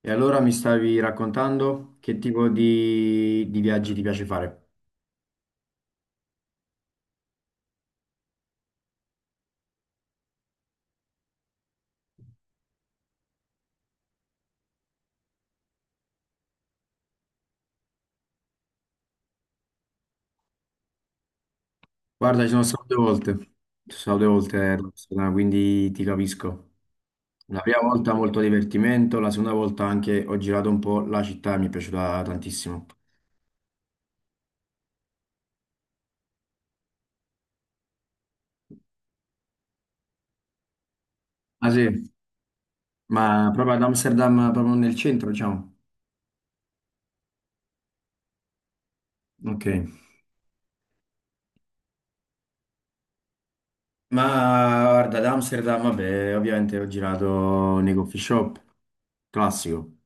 E allora mi stavi raccontando che tipo di viaggi ti piace fare? Guarda, ci sono stato due volte, Barcellona, quindi ti capisco. La prima volta molto divertimento, la seconda volta anche ho girato un po' la città, e mi è piaciuta tantissimo. Ah sì, ma proprio ad Amsterdam, proprio nel centro, diciamo. Ok. Ma guarda, ad Amsterdam, vabbè, ovviamente ho girato nei coffee shop, classico.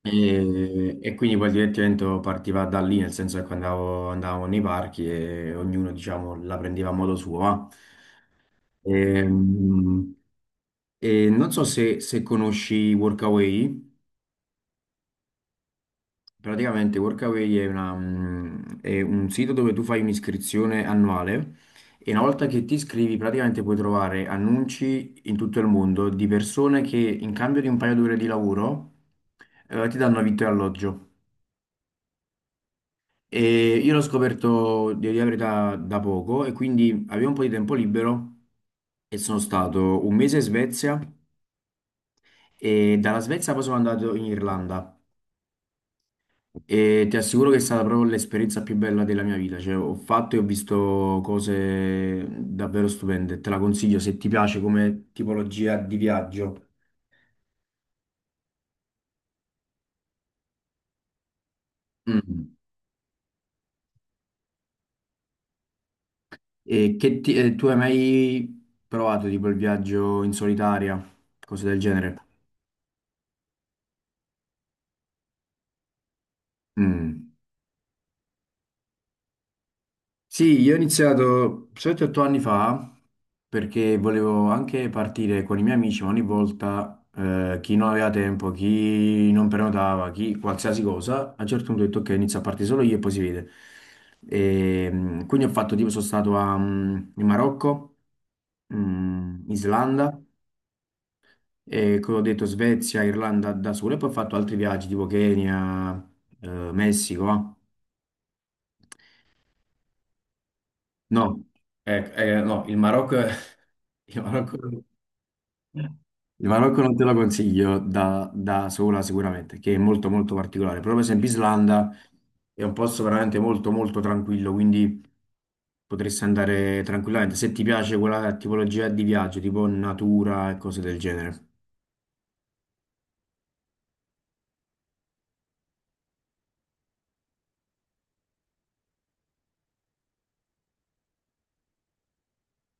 E quindi poi il divertimento partiva da lì, nel senso che quando andavamo nei parchi e ognuno, diciamo, la prendeva a modo suo. Va. Ehm, E, non so se conosci Workaway. Praticamente Workaway è un sito dove tu fai un'iscrizione annuale e una volta che ti iscrivi praticamente puoi trovare annunci in tutto il mondo di persone che in cambio di un paio d'ore di lavoro ti danno vitto e alloggio. E io l'ho scoperto di dire la verità da poco e quindi avevo un po' di tempo libero e sono stato un mese in Svezia e dalla Svezia poi sono andato in Irlanda e ti assicuro che è stata proprio l'esperienza più bella della mia vita, cioè ho fatto e ho visto cose davvero stupende, te la consiglio se ti piace come tipologia di viaggio. Mm. E tu hai mai provato tipo il viaggio in solitaria, cose del genere? Mm. Sì, io ho iniziato 7-8 anni fa perché volevo anche partire con i miei amici, ma ogni volta chi non aveva tempo, chi non prenotava, chi qualsiasi cosa, a un certo punto ho detto ok, inizio a partire solo io e poi si vede. Quindi ho fatto tipo, sono stato in Marocco, Islanda, e come ho detto Svezia, Irlanda da solo, e poi ho fatto altri viaggi tipo Kenya, Messico. Ah. No, no, il Marocco. Il Marocco Il Marocco non te lo consiglio da sola sicuramente, che è molto molto particolare, però per esempio Islanda è un posto veramente molto molto tranquillo, quindi potresti andare tranquillamente se ti piace quella tipologia di viaggio, tipo natura e cose del genere.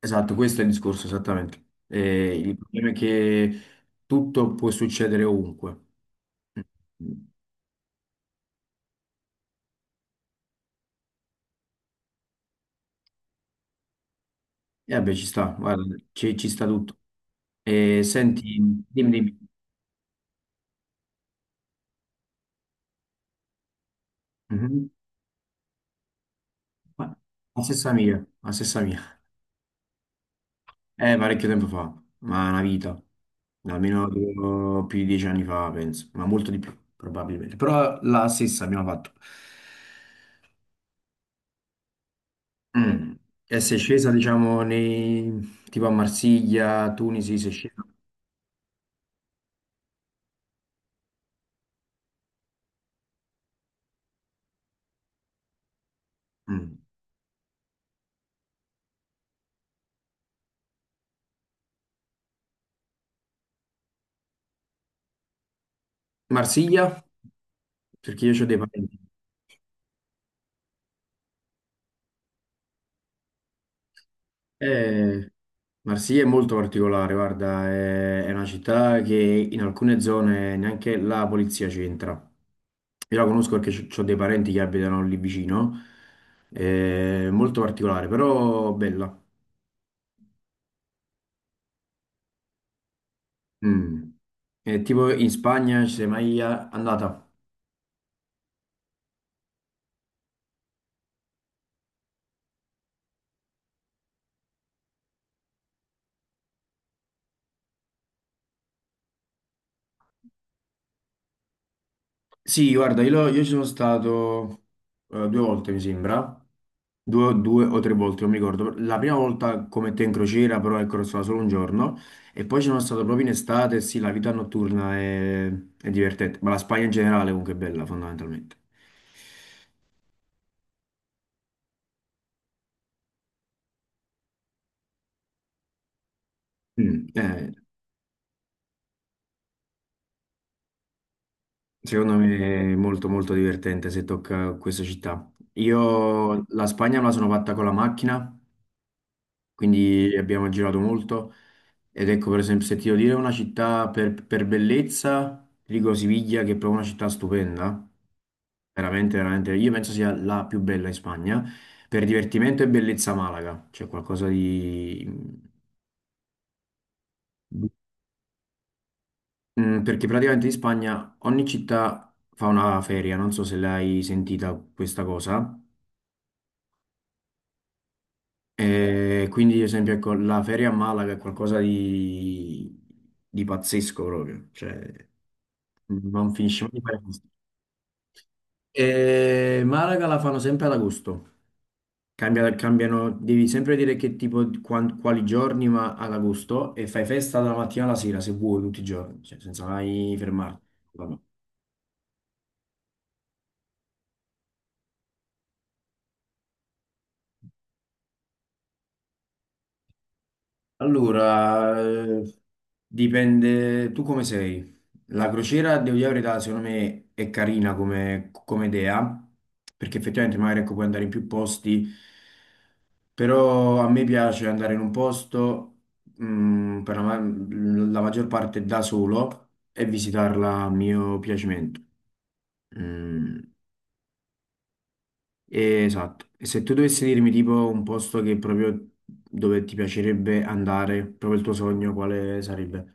Esatto, questo è il discorso esattamente. Il problema è che tutto può succedere ovunque. E vabbè, ci sta, guarda, ci sta tutto. Senti, dimmi, dimmi. Mhm. Ma La stessa mia, la stessa mia. Parecchio tempo fa, ma una vita. Almeno tipo, più di 10 anni fa, penso, ma molto di più, probabilmente. Però la stessa abbiamo fatto. Mm. E sei scesa, diciamo, nei, tipo a Marsiglia, a Tunisi, sei scesa. Mm. Marsiglia? Perché io ho dei parenti. Eh, Marsiglia è molto particolare, guarda, è una città che in alcune zone neanche la polizia c'entra. Io la conosco perché ho dei parenti che abitano lì vicino. È molto particolare, però bella. Mm. È tipo in Spagna ci sei mai andata? Sì, guarda, io ci sono stato due volte, mi sembra, due o tre volte, non mi ricordo. La prima volta come te in crociera, però ecco, ero stato solo un giorno, e poi ci sono stato proprio in estate, e sì, la vita notturna è divertente, ma la Spagna in generale comunque è bella, fondamentalmente. Mm, eh, Secondo me è molto molto divertente se tocca questa città. Io la Spagna me la sono fatta con la macchina, quindi abbiamo girato molto. Ed ecco, per esempio, se ti devo dire una città per bellezza, ti dico Siviglia, che è proprio una città stupenda, veramente, veramente, io penso sia la più bella in Spagna. Per divertimento e bellezza Malaga, c'è qualcosa di. Mm, Perché praticamente in Spagna ogni città fa una feria, non so se l'hai sentita questa cosa. E quindi, ad esempio, ecco, la feria a Malaga è qualcosa di pazzesco proprio, cioè non finisce mai di fare festa. E Malaga la fanno sempre ad agosto. Cambiano, devi sempre dire che tipo, quali giorni, ma ad agosto e fai festa dalla mattina alla sera se vuoi tutti i giorni, cioè, senza mai fermarti. Allora, dipende tu come sei. La crociera, devo dire la verità, secondo me è carina come idea, perché effettivamente magari ecco, puoi andare in più posti, però a me piace andare in un posto, per la maggior parte da solo e visitarla a mio piacimento. Mm, esatto. E se tu dovessi dirmi tipo un posto che proprio dove ti piacerebbe andare, proprio il tuo sogno, quale sarebbe?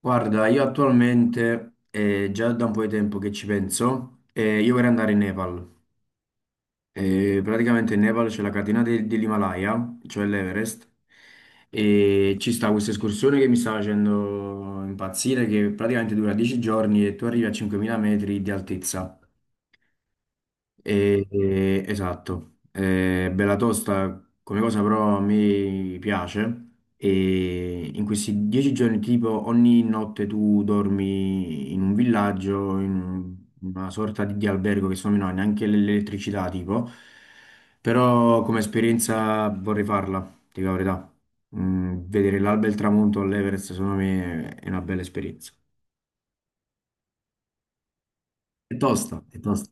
Guarda, io attualmente, già da un po' di tempo che ci penso, io vorrei andare in Nepal. Praticamente in Nepal c'è la catena dell'Himalaya, cioè l'Everest, e ci sta questa escursione che mi sta facendo impazzire, che praticamente dura 10 giorni e tu arrivi a 5.000 metri di altezza. Esatto, è bella tosta come cosa però a me piace e in questi 10 giorni tipo ogni notte tu dormi in un villaggio, in una sorta di albergo che secondo me non ha neanche l'elettricità tipo, però come esperienza vorrei farla, ti dico la verità. Vedere l'alba e il tramonto all'Everest secondo me è una bella esperienza. È tosta, è tosta.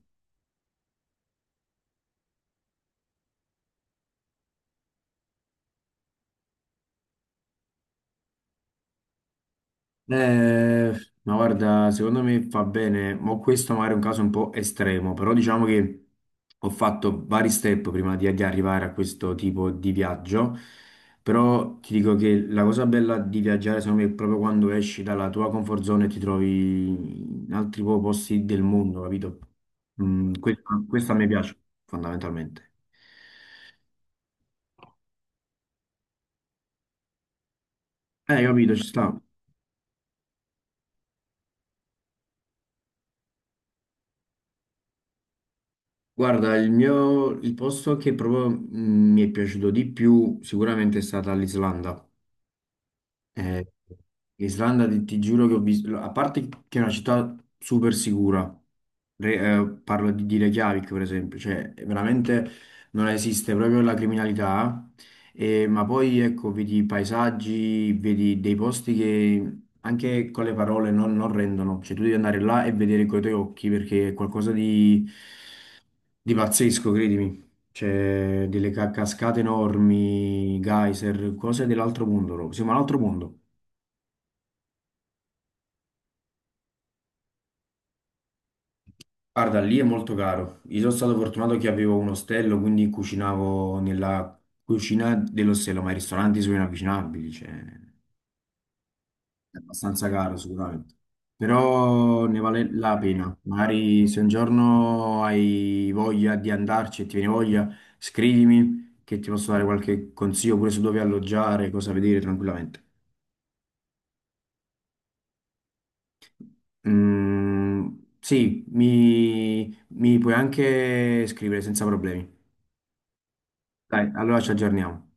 Eh, ma guarda, secondo me fa bene, ma questo magari è un caso un po' estremo, però diciamo che ho fatto vari step prima di arrivare a questo tipo di viaggio, però ti dico che la cosa bella di viaggiare secondo me è proprio quando esci dalla tua comfort zone e ti trovi in altri posti del mondo, capito? Questo a me piace fondamentalmente. Capito, ci sta. Guarda, il posto che proprio mi, è piaciuto di più sicuramente è stata l'Islanda. Eh, l'Islanda, ti giuro che ho visto, a parte che è una città super sicura. Parlo di Reykjavik per esempio, cioè veramente non esiste proprio la criminalità, ma poi ecco, vedi i paesaggi, vedi dei posti che anche con le parole non rendono, cioè tu devi andare là e vedere con i tuoi occhi perché è qualcosa di pazzesco, credimi. C'è delle cascate enormi, geyser, cose dell'altro mondo, proprio. Siamo all'altro mondo. Guarda, lì è molto caro. Io sono stato fortunato che avevo un ostello, quindi cucinavo nella cucina dell'ostello, ma i ristoranti sono inavvicinabili, cioè è abbastanza caro sicuramente. Però ne vale la pena. Magari se un giorno hai voglia di andarci e ti viene voglia, scrivimi che ti posso dare qualche consiglio pure su dove alloggiare, cosa vedere tranquillamente. Mm, sì, mi puoi anche scrivere senza problemi. Dai, allora ci aggiorniamo.